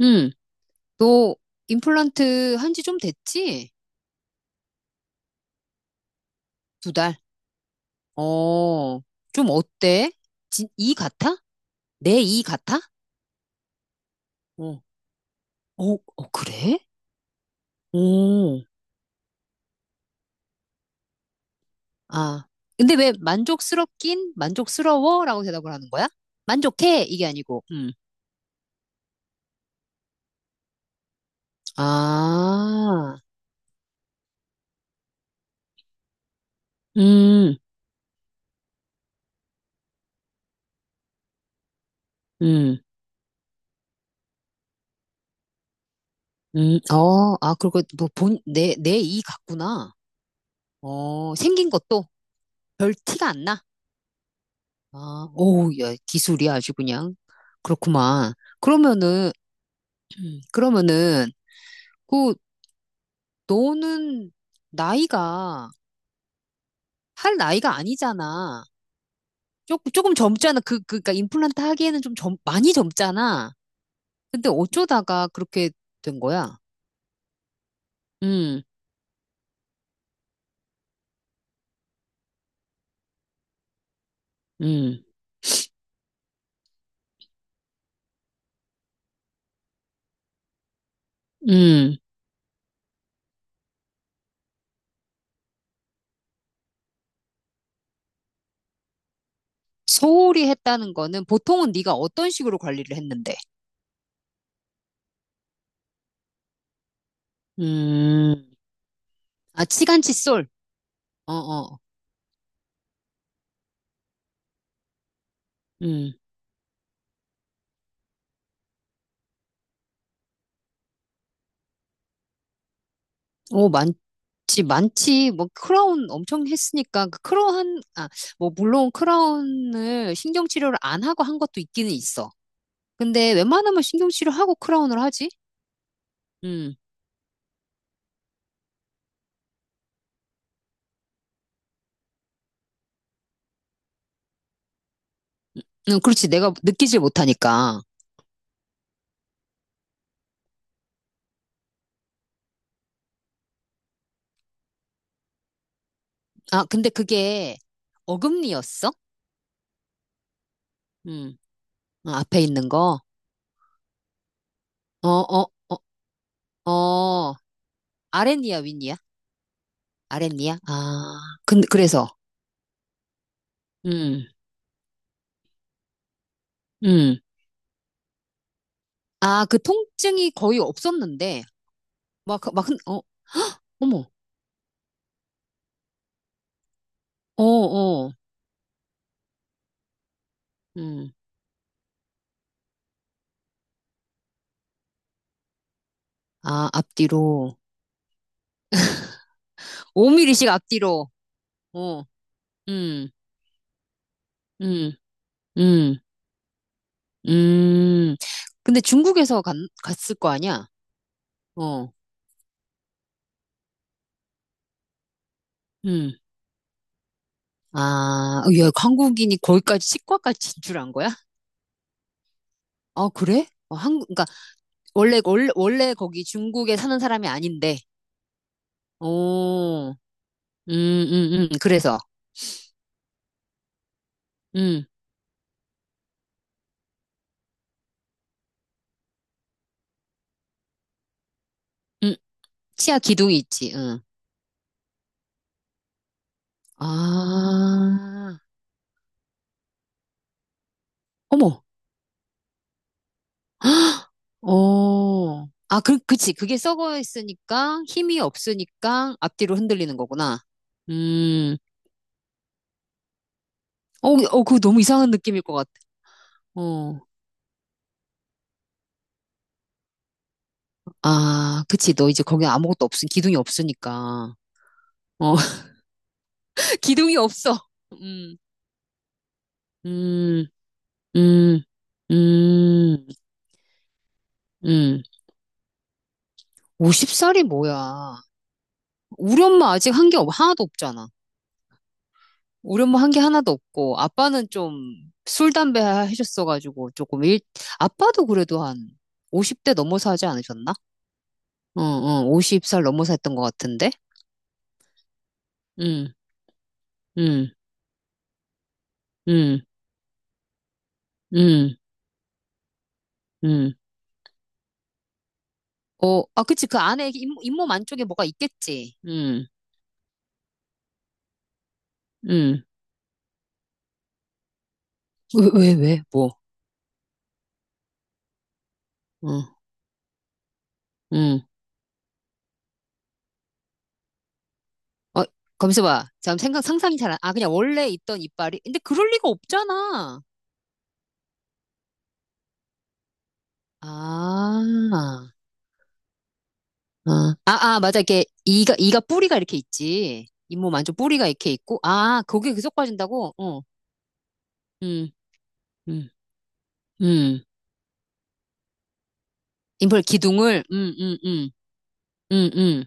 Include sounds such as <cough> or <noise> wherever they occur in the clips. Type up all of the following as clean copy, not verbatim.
응, 너 임플란트 한 지 좀 됐지? 두 달. 어, 좀 어때? 이 같아? 내 이 같아? 어, 어, 어, 그래? 오, 아. 근데 왜 만족스럽긴? 만족스러워? 라고 대답을 하는 거야? 만족해? 이게 아니고, 아, 음, 음, 어, 아, 그리고 너 내 이 같구나. 어, 생긴 것도 별 티가 안 나. 아, 오우, 야, 기술이 아주 그냥. 그렇구만. 그러면은, 그러면은, 그, 너는 나이가, 할 나이가 아니잖아. 조금, 조금 젊잖아. 그니까 임플란트 하기에는 많이 젊잖아. 근데 어쩌다가 그렇게 된 거야? 음, 음, 음. 소홀히 했다는 거는 보통은 네가 어떤 식으로 관리를 했는데? 음, 아, 치간칫솔. 어, 어, 음. 오, 많지, 많지. 뭐, 크라운 엄청 했으니까, 아, 뭐, 물론 크라운을 신경치료를 안 하고 한 것도 있기는 있어. 근데 웬만하면 신경치료하고 크라운을 하지? 음, 그렇지. 내가 느끼질 못하니까. 아, 근데 그게 어금니였어? 음, 어, 앞에 있는 거. 어, 어, 어, 어, 아랫니야, 윗니야? 아랫니야? 아, 근 그래서, 음, 음. 아, 그 통증이 거의 없었는데, 어, <gasps> 어머. 어, 어, 음. 아, 앞뒤로. 5mm씩 앞뒤로. 어, 음, 음, 음, 음. 근데 갔을 거 아니야? 어, 음. 아, 어, 야, 한국인이 거기까지 치과까지 진출한 거야? 아, 그래? 어, 한국, 그러니까 원래 거기 중국에 사는 사람이 아닌데. 어, 그래서, 음, 음. 치아 기둥이 있지. 응. 아, 어머. 헉! 어. 아, 그, 그치. 그게 썩어 있으니까 힘이 없으니까 앞뒤로 흔들리는 거구나. 음. 어, 어, 그거 너무 이상한 느낌일 것 같아. 어. 아, 그치. 너 이제 거기 기둥이 없으니까. 어, <laughs> 기둥이 없어. 음, 음, 음, 음, 음. 50살이 뭐야. 우리 엄마 아직 한 게 하나도 없잖아. 우리 엄마 한 게 하나도 없고, 아빠는 좀 술, 담배 하셨어가지고, 조금 일, 아빠도 그래도 한 50대 넘어서 하지 않으셨나? 응, 응, 50살 넘어서 했던 것 같은데? 응, 응, 응, 응, 응. 어, 아, 그치. 그 안에 잇몸 안쪽에 뭐가 있겠지. 응, 응. 뭐. 응, 응. 어, 검수봐. 상상이 잘 안, 아, 그냥 원래 있던 이빨이. 근데 그럴 리가 없잖아. 아. 아, 맞아. 이게 이가 뿌리가 이렇게 있지. 잇몸 안쪽 뿌리가 이렇게 있고. 아, 거기에 계속 빠진다고? 어. 음. 음. 음. 인플 기둥을 음, 음.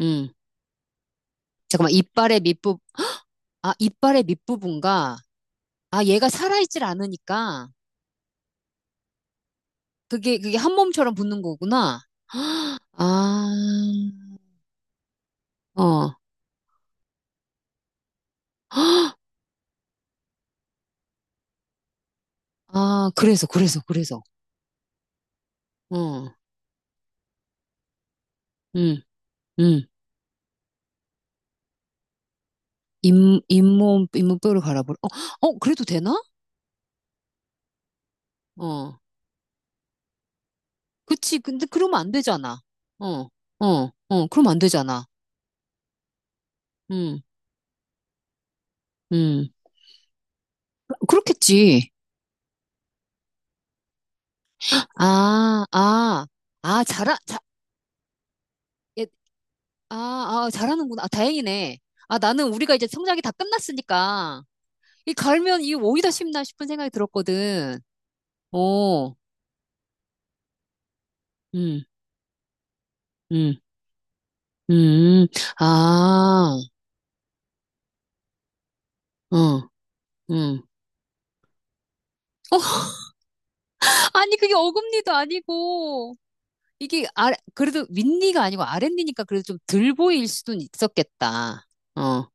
음. 잠깐만. 이빨의 밑부 아, 이빨의 밑부분과 아, 얘가 살아있질 않으니까 그게 한 몸처럼 붙는 거구나. <gasps> 아. 어. 아, 그래서. 어. 음. 음. 잇, 잇몸뼈를 갈아버려. 어, 어, 그래도 되나? 어. 그치. 근데 그러면 안 되잖아. 어, 어, 어, 그러면 안 되잖아. 음, 음. 그렇겠지. 아, 아, 잘하, 자, 예, 아, 아, 잘하는구나. 아, 다행이네. 아, 나는 우리가 이제 성장이 다 끝났으니까. 이 갈면 이 오이다 싶나 싶은 생각이 들었거든. 어, 음, 음, 음. 아, 어, 음. 어, 아니, 그게 어금니도 아니고. 이게 아 그래도 윗니가 아니고 아랫니니까 그래도 좀 덜 보일 수는 있었겠다. 어,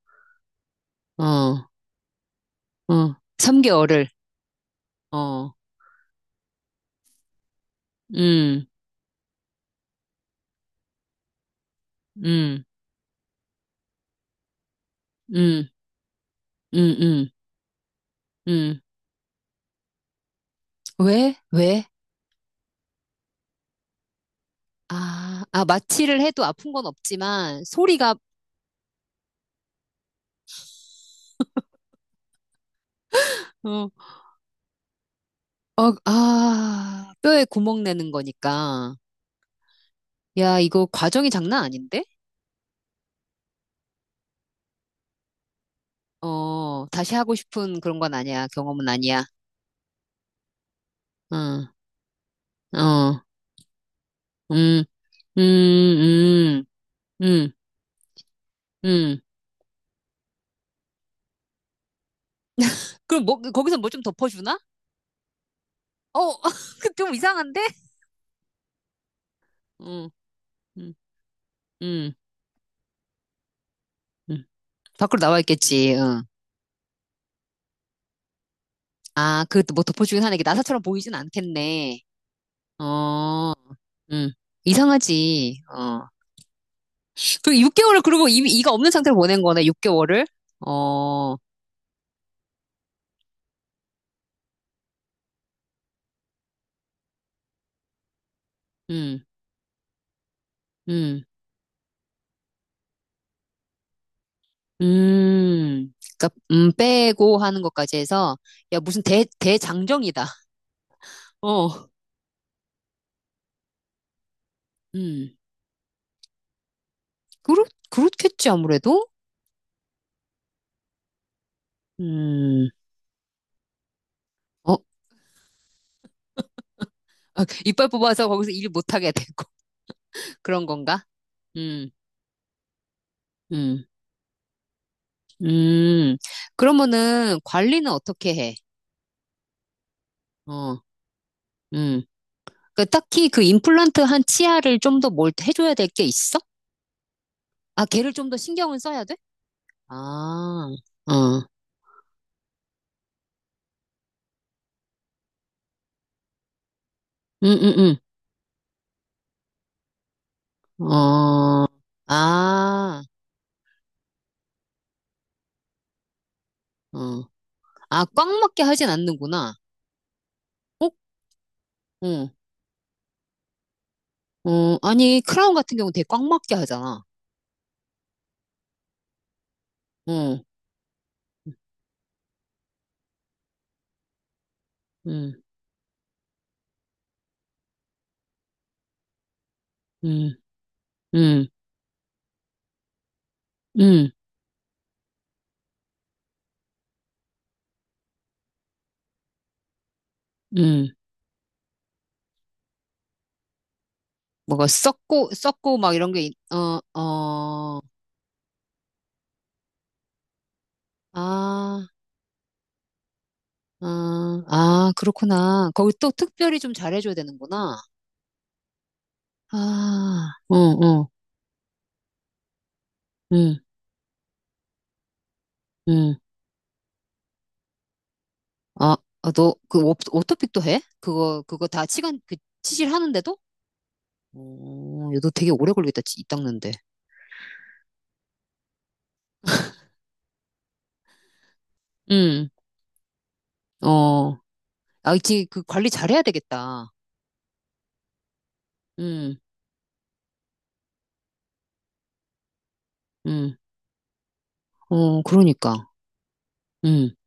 어, 어. 3개월을. 어, 음, 음, 음, 음, 음, 음. 왜? 왜? 아, 아, 마취를 해도 아픈 건 없지만 소리가 어, 어, 아, 뼈에 구멍 내는 거니까. 야, 이거 과정이 장난 아닌데? 어, 다시 하고 싶은 그런 건 아니야. 경험은 아니야. 어, 어, 음, 음, 음. 음. 음. 그럼 뭐, 거기서 뭐 좀 덮어주나? 어, <laughs> 그 좀 이상한데? 응, 응, 응, 응. 밖으로 나와 있겠지, 응. 아, 그 뭐 덮어주긴 하네. 이게 나사처럼 보이진 않겠네. 어, 응. 이상하지, 어. 그리고 6개월을, 그리고 이가 없는 상태로 보낸 거네, 6개월을. 어, 음, 음, 음. 그니까, 빼고 하는 것까지 해서, 야, 무슨 대장정이다. 어, 음. 그렇, 그렇겠지, 아무래도? 음. 어, 아, 이빨 뽑아서 거기서 일 못하게 되고 <laughs> 그런 건가? 음, 음, 음. 그러면은 관리는 어떻게 해? 어, 음. 그 딱히 그 임플란트 한 치아를 좀 더 뭘 해줘야 될 게 있어? 아, 걔를 좀 더 신경을 써야 돼? 아, 어, 음, 음, 어, 아, 어. 아, 꽉 맞게 하진 않는구나. 어? 어, 어. 아니, 크라운 같은 경우 되게 꽉 맞게 하잖아. 어, 음, 음, 음, 음, 음. 뭐가 썩고 썩고 막 이런 게 있- 어, 어. 아, 아, 그렇구나. 거기 또 특별히 좀 잘해줘야 되는구나. 아, 어, 어, 응, 응. 아, 아, 너, 그, 오, 오토픽도 해? 그거 다 시간, 그, 치질 하는데도? 어, 야, 너 되게 오래 걸리겠다, 이 닦는데. 응, 어. 아, 이제 그 관리 잘해야 되겠다. 응, 응. 어, 그러니까. 응.